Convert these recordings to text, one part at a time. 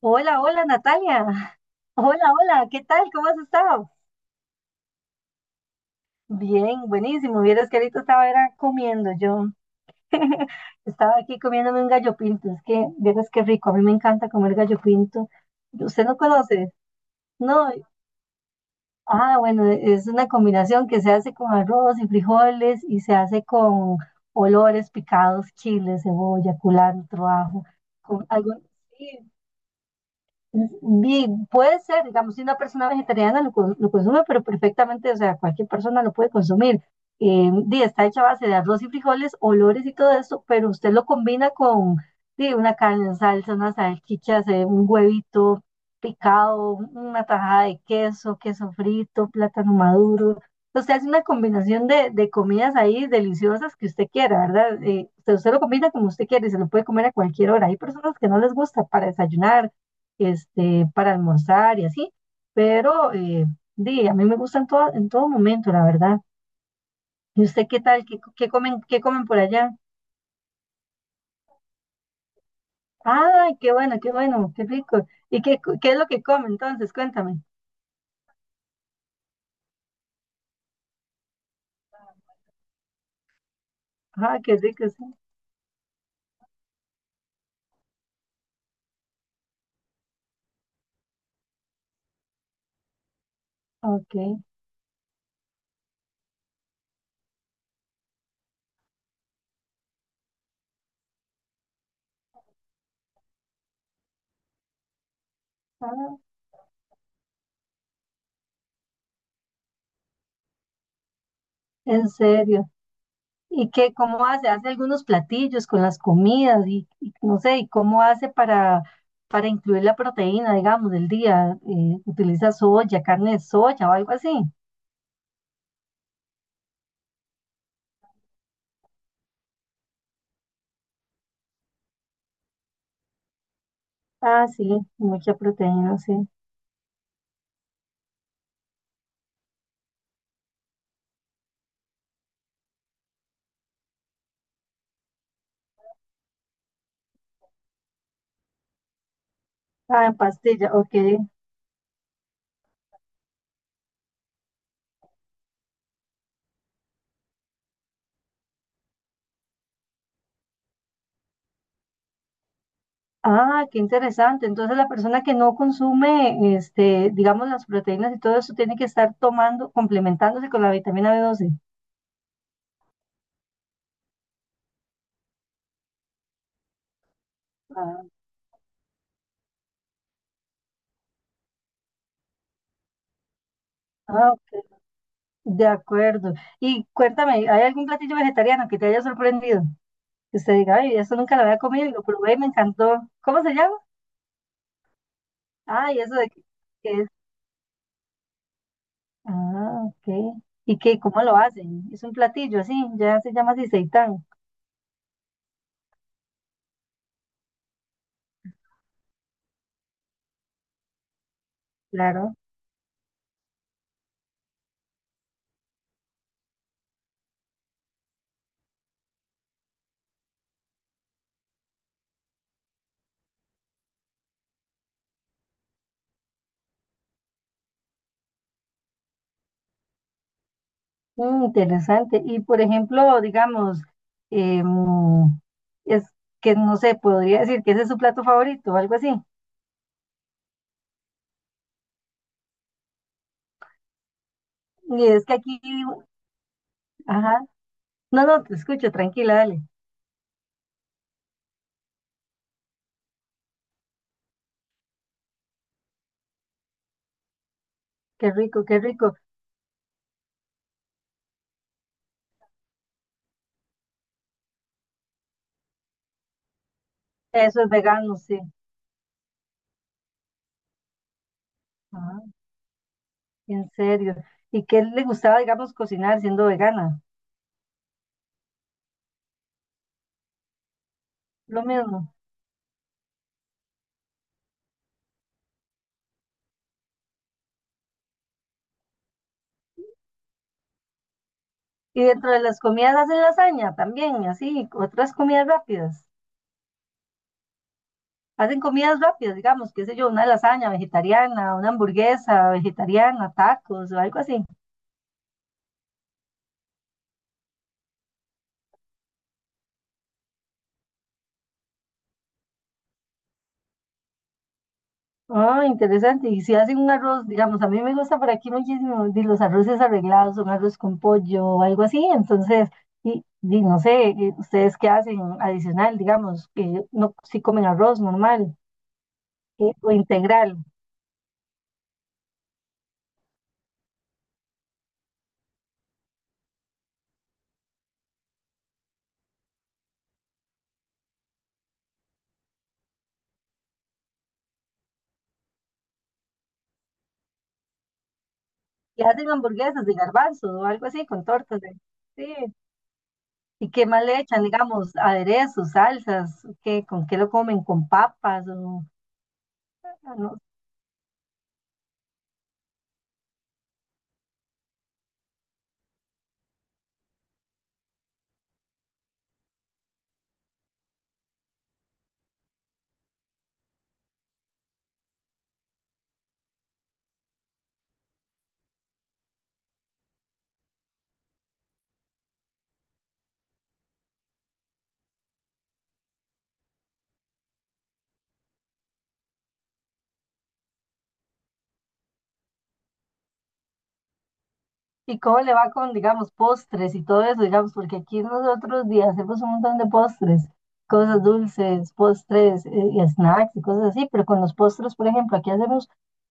Hola, hola Natalia. Hola, hola, ¿qué tal? ¿Cómo has estado? Bien, buenísimo. Vieras que ahorita estaba era comiendo yo. Estaba aquí comiéndome un gallo pinto. Es que, vieras qué rico. A mí me encanta comer gallo pinto. ¿Usted no conoce? No. Ah, bueno, es una combinación que se hace con arroz y frijoles y se hace con olores picados, chile, cebolla, culantro, ajo, con algo. Sí. Bien, puede ser, digamos, si una persona vegetariana lo consume, pero perfectamente, o sea, cualquier persona lo puede consumir. Está hecha a base de arroz y frijoles, olores y todo eso, pero usted lo combina con una carne en salsa, unas salchichas, un huevito picado, una tajada de queso, queso frito, plátano maduro. Usted hace una combinación de comidas ahí deliciosas que usted quiera, ¿verdad? Usted lo combina como usted quiere y se lo puede comer a cualquier hora. Hay personas que no les gusta para desayunar, para almorzar y así, pero a mí me gustan todo, en todo momento, la verdad. ¿Y usted qué tal? ¿Qué comen por allá? Ay, qué bueno, qué bueno, qué rico. ¿Y qué es lo que come entonces? Cuéntame. Ah, qué rico, sí. Ok. Ah, en serio. ¿Y cómo hace? Hace algunos platillos con las comidas y no sé, ¿y cómo hace para incluir la proteína, digamos, del día? ¿Utiliza soya, carne de soya o algo así? Ah, sí, mucha proteína, sí. Ah, en pastilla, ok. Ah, qué interesante. Entonces la persona que no consume, digamos, las proteínas y todo eso tiene que estar tomando, complementándose con la vitamina B12. Ah, ah, ok. De acuerdo. Y cuéntame, ¿hay algún platillo vegetariano que te haya sorprendido? Que usted diga, ay, eso nunca lo había comido y lo probé y me encantó. ¿Cómo se llama? Ah, ¿y eso de que es? Ah, ok. ¿Y qué? ¿Cómo lo hacen? Es un platillo así, ya se llama así, seitán. Claro. Mm, interesante. Y por ejemplo, digamos, em, es que no sé, podría decir que ese es su plato favorito o algo así. Y es que aquí, ajá, no, no, te escucho, tranquila, dale. Qué rico, qué rico. Eso es vegano, sí. Ah, en serio. ¿Y qué le gustaba, digamos, cocinar siendo vegana? Lo mismo. Y dentro de las comidas hacen lasaña también, y así, otras comidas rápidas. Hacen comidas rápidas, digamos, qué sé yo, una lasaña vegetariana, una hamburguesa vegetariana, tacos o algo así. Ah, interesante. Y si hacen un arroz, digamos, a mí me gusta por aquí muchísimo, los arroces arreglados, un arroz con pollo o algo así. Entonces, no sé, ¿ustedes qué hacen adicional, digamos, que no, si comen arroz normal o integral? Y hacen hamburguesas de garbanzo o algo así con tortas. Sí. ¿Y qué más le echan? Digamos, aderezos, salsas, ¿qué, con qué lo comen? ¿Con papas, no? ¿Y cómo le va con, digamos, postres y todo eso? Digamos, porque aquí nosotros hacemos un montón de postres, cosas dulces, postres y snacks y cosas así, pero con los postres, por ejemplo, aquí hacemos,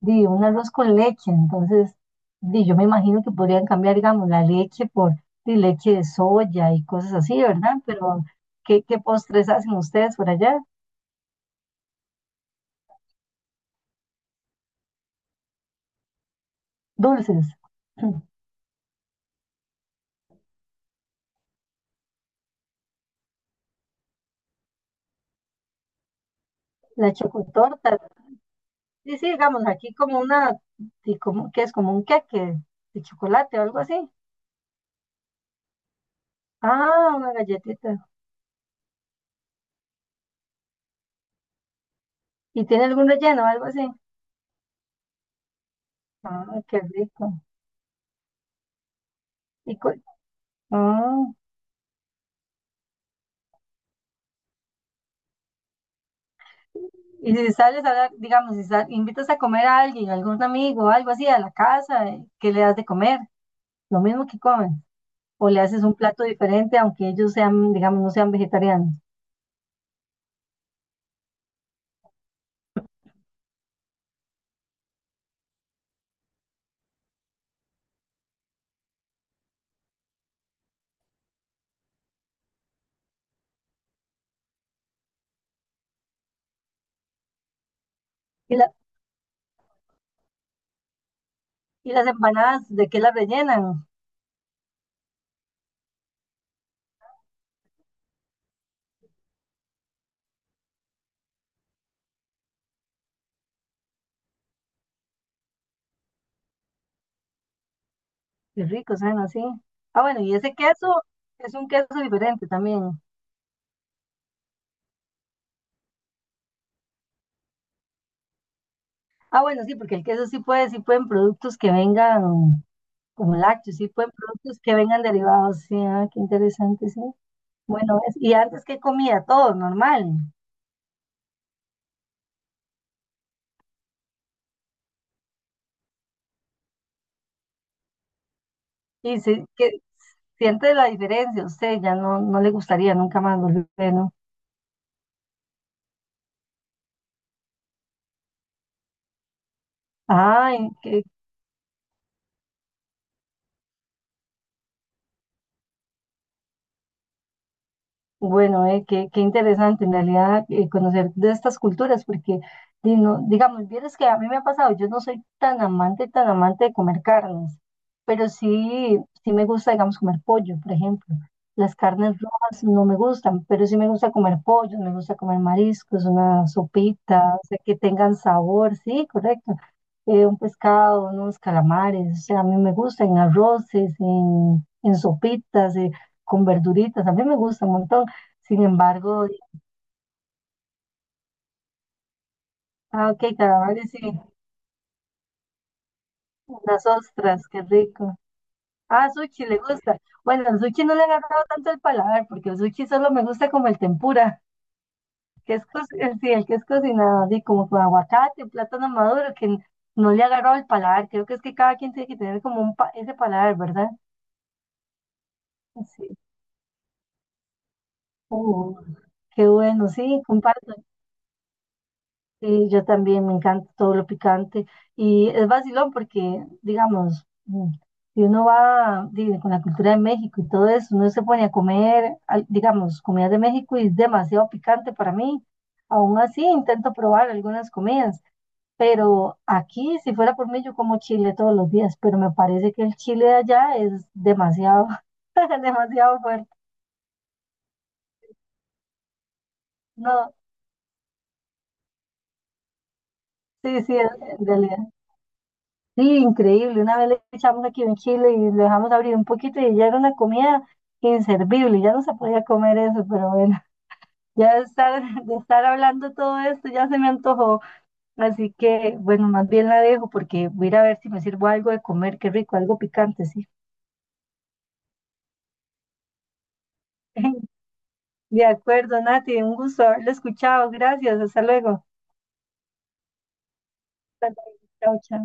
un arroz con leche, entonces, yo me imagino que podrían cambiar, digamos, la leche por, leche de soya y cosas así, ¿verdad? Pero, ¿qué postres hacen ustedes por allá? Dulces. La chocotorta. Sí, sí, digamos, aquí como una, y como, que es como un queque de chocolate o algo así. Ah, una galletita. ¿Y tiene algún relleno o algo así? Ah, qué rico. Y, cu- ah, y si sales digamos, si sal- invitas a comer a alguien, algún amigo o algo así a la casa, ¿qué le das de comer? Lo mismo que comen. O le haces un plato diferente, aunque ellos sean, digamos, no sean vegetarianos. ¿Y, la- y las empanadas, de qué las rellenan? Qué rico, suena así. Ah, bueno, y ese queso es un queso diferente también. Ah, bueno, sí, porque el queso, sí pueden productos que vengan como lácteos, sí pueden productos que vengan derivados, sí, ah, qué interesante, sí. Bueno, y antes que comía todo normal. Y sí, que siente la diferencia, usted ya no le gustaría nunca más volver, ¿no? Ay, qué. Bueno, qué interesante en realidad, conocer de estas culturas, porque, digamos, vieras que a mí me ha pasado, yo no soy tan amante de comer carnes, pero sí, sí me gusta, digamos, comer pollo, por ejemplo. Las carnes rojas no me gustan, pero sí me gusta comer pollo, me gusta comer mariscos, una sopita, o sea, que tengan sabor, sí, correcto. Un pescado, unos calamares, o sea, a mí me gusta en arroces, en sopitas, con verduritas, a mí me gusta un montón. Sin embargo, ah, ok, calamares sí, unas ostras, qué rico. Ah, sushi le gusta. Bueno, el sushi no le ha agarrado tanto el paladar, porque el sushi solo me gusta como el tempura, que es el, sí, el que es cocinado, así como con aguacate, plátano maduro, que no le ha agarrado el paladar. Creo que es que cada quien tiene que tener como ese paladar, ¿verdad? Sí. Uh, Qué bueno, sí, comparto. Sí, yo también me encanta todo lo picante y es vacilón porque, digamos, si uno va con la cultura de México y todo eso, uno se pone a comer, digamos, comida de México y es demasiado picante para mí. Aún así, intento probar algunas comidas, pero aquí, si fuera por mí, yo como chile todos los días, pero me parece que el chile de allá es demasiado, demasiado fuerte. No, sí, sí, en realidad. Sí, increíble. Una vez le echamos aquí en chile y lo dejamos abrir un poquito y ya era una comida inservible, ya no se podía comer eso, pero bueno, ya de estar hablando todo esto ya se me antojó. Así que, bueno, más bien la dejo porque voy a ir a ver si me sirvo algo de comer, qué rico, algo picante, sí. De acuerdo, Nati, un gusto haberlo escuchado. Gracias, hasta luego. Hasta luego, chao, chao.